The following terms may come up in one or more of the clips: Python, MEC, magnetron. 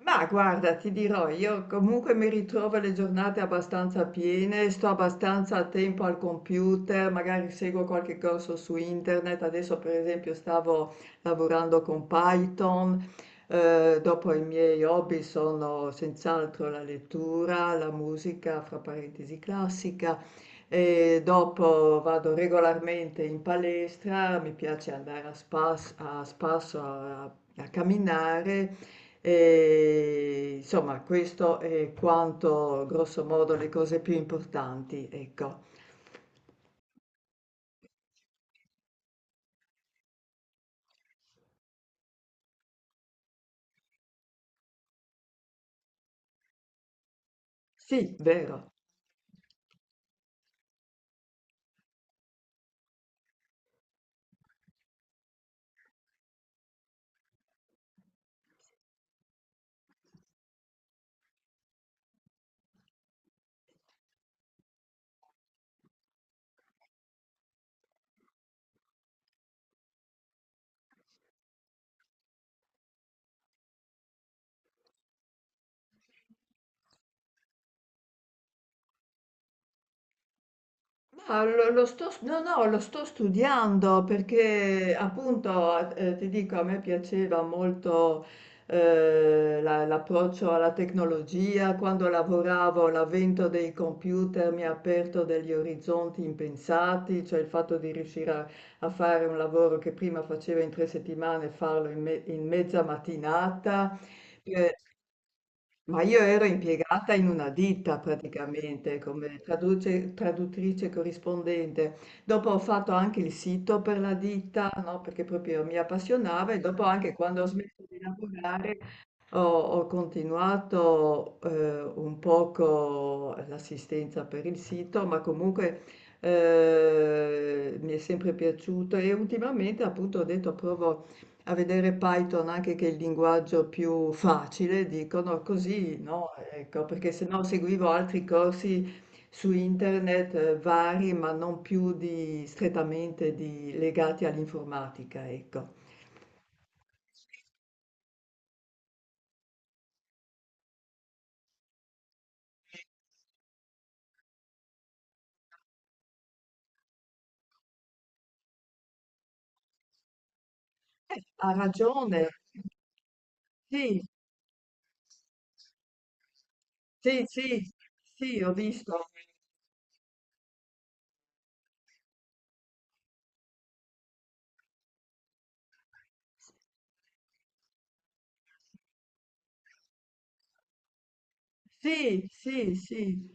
Ma guarda, ti dirò, io comunque mi ritrovo le giornate abbastanza piene, sto abbastanza a tempo al computer, magari seguo qualche corso su internet, adesso per esempio stavo lavorando con Python. Dopo i miei hobby sono senz'altro la lettura, la musica, fra parentesi classica, e dopo vado regolarmente in palestra, mi piace andare a spasso a camminare. E, insomma, questo è quanto, grosso modo, le cose più importanti, ecco. Sì, vero. Ma lo, lo sto, s- no, no, lo sto studiando perché appunto, ti dico, a me piaceva molto, l'approccio alla tecnologia. Quando lavoravo, l'avvento dei computer mi ha aperto degli orizzonti impensati, cioè il fatto di riuscire a fare un lavoro che prima facevo in tre settimane, farlo in mezza mattinata. Eh, ma io ero impiegata in una ditta praticamente come traduttrice corrispondente. Dopo ho fatto anche il sito per la ditta, no? Perché proprio mi appassionava, e dopo anche quando ho smesso di lavorare ho continuato un poco l'assistenza per il sito, ma comunque mi è sempre piaciuto, e ultimamente appunto ho detto provo a vedere Python, anche che è il linguaggio più facile, dicono così, no? Ecco, perché se no seguivo altri corsi su internet vari, ma non più di, strettamente legati all'informatica, ecco. Ha ragione. Sì. Sì, sì, sì, ho visto. Sì, sì, sì.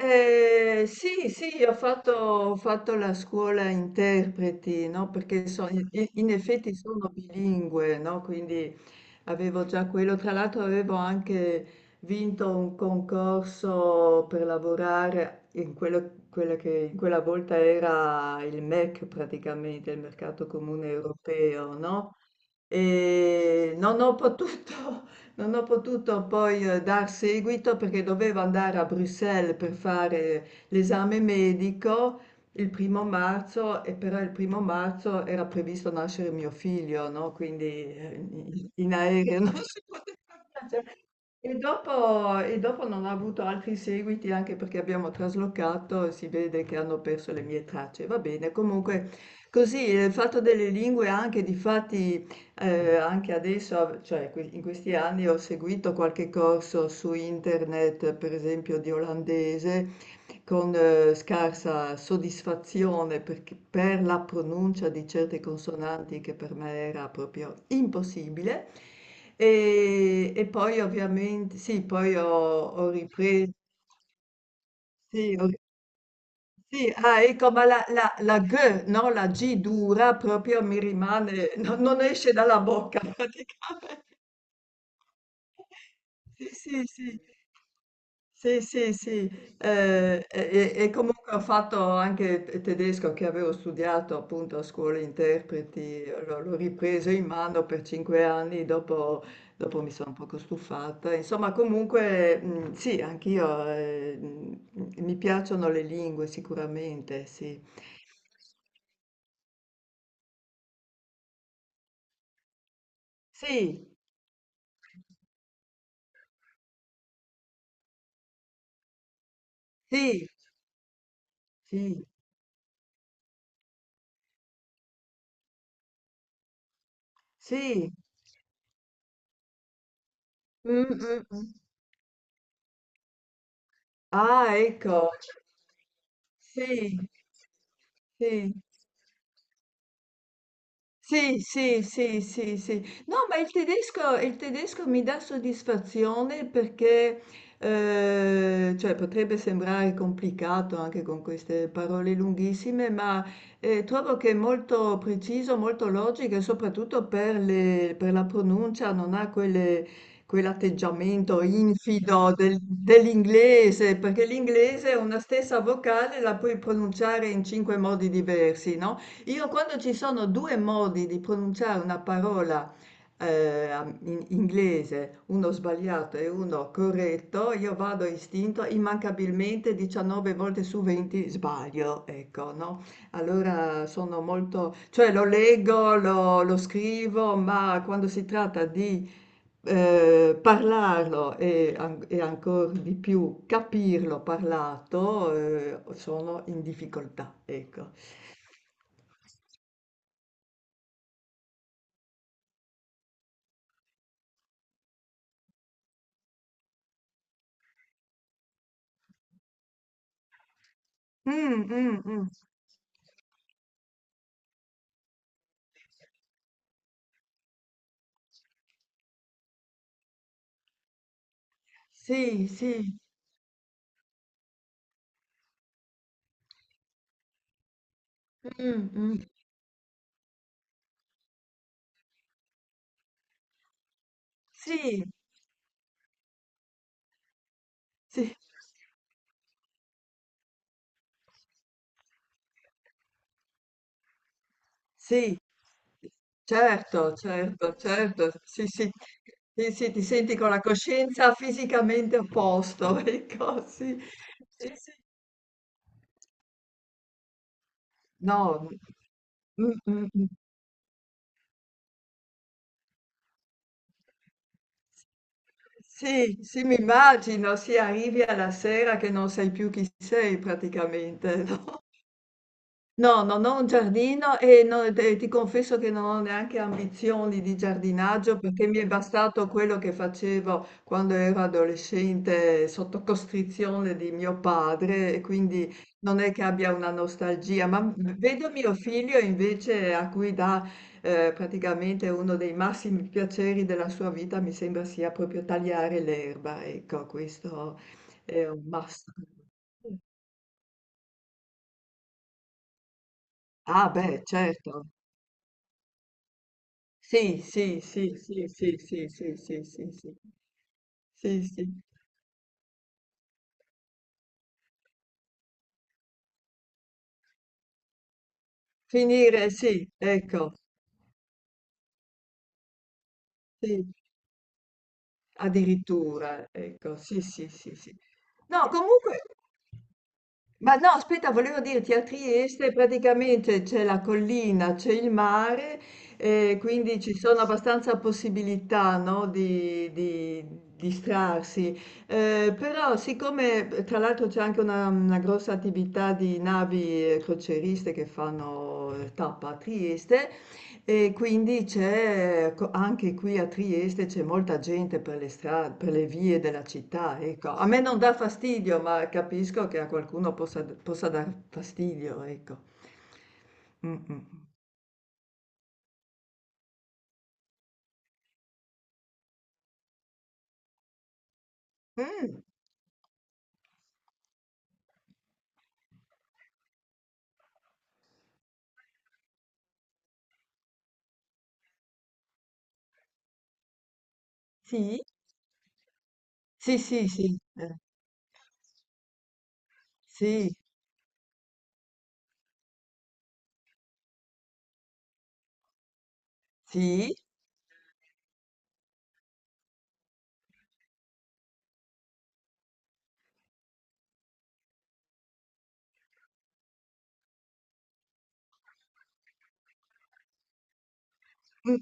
Sì, sì, ho fatto la scuola interpreti, no? Perché in in effetti sono bilingue, no? Quindi avevo già quello. Tra l'altro avevo anche vinto un concorso per lavorare in quello, quella che in quella volta era il MEC praticamente, il mercato comune europeo, no? E non ho potuto, non ho potuto poi, dar seguito perché dovevo andare a Bruxelles per fare l'esame medico il primo marzo, e però il primo marzo era previsto nascere mio figlio, no? Quindi, in aereo non si poteva viaggiare. E dopo non ho avuto altri seguiti anche perché abbiamo traslocato e si vede che hanno perso le mie tracce. Va bene, comunque così, il fatto delle lingue, anche di fatti, anche adesso av cioè que in questi anni ho seguito qualche corso su internet, per esempio di olandese, con scarsa soddisfazione perché per la pronuncia di certe consonanti che per me era proprio impossibile. E poi ovviamente sì, poi ho ho ripre sì, ho sì, ah ecco, ma la g, no, la g dura proprio mi rimane, no, non esce dalla bocca praticamente. Sì, sì, sì. Sì, sì, sì, e comunque ho fatto anche tedesco, che avevo studiato appunto a scuola interpreti, l'ho ripreso in mano per cinque anni, dopo, dopo mi sono un poco stufata. Insomma, comunque, sì, anch'io, mi piacciono le lingue sicuramente, sì. Sì, sì, sì, sì. Mm, mm, mm. Ah, ecco. Sì. Sì. Sì, sì, sì, sì, sì. No, ma il tedesco mi dà soddisfazione perché, cioè, potrebbe sembrare complicato anche con queste parole lunghissime, ma, trovo che è molto preciso, molto logico, e soprattutto per le per la pronuncia non ha quelle quell'atteggiamento infido dell'inglese, perché l'inglese è una stessa vocale la puoi pronunciare in 5 modi diversi, no? Io quando ci sono due modi di pronunciare una parola, in inglese, uno sbagliato e uno corretto, io vado a istinto, immancabilmente 19 volte su 20 sbaglio, ecco, no? Allora sono molto, cioè lo leggo, lo scrivo, ma quando si tratta di parlarlo e, e ancora di più capirlo parlato, sono in difficoltà, ecco. Mh, mh, mh. Sì, sì. Mh, mh. Sì, sì, sì. Certo, certo, certo. Sì, sì. Sì, sì, ti senti con la coscienza fisicamente a posto, ecco, sì. Sì, sì. No. Mh, mh, mh. Sì, sì, mi immagino, sì, arrivi alla sera che non sai più chi sei praticamente, no? No, non ho un giardino, e ti confesso che non ho neanche ambizioni di giardinaggio, perché mi è bastato quello che facevo quando ero adolescente sotto costrizione di mio padre, e quindi non è che abbia una nostalgia. Ma vedo mio figlio invece, a cui dà, praticamente, uno dei massimi piaceri della sua vita, mi sembra sia proprio tagliare l'erba, ecco, questo è un must. Ah, beh, certo. Sì, sì, sì, sì, sì, sì, sì, sì, sì, sì. Sì, sì. Finire, sì, ecco, sì, addirittura, ecco, sì, sì, sì, sì. No, comunque, Ma no, aspetta, volevo dirti, a Trieste praticamente c'è la collina, c'è il mare, quindi ci sono abbastanza possibilità, no, di distrarsi. Però siccome tra l'altro c'è anche una grossa attività di navi crocieriste che fanno tappa a Trieste, e quindi c'è, anche qui a Trieste c'è molta gente per le strade, per le vie della città, ecco. A me non dà fastidio, ma capisco che a qualcuno possa dar fastidio, ecco. Mm, mm. Mm, sì, sì, sì, sì, sì, sì. Mm.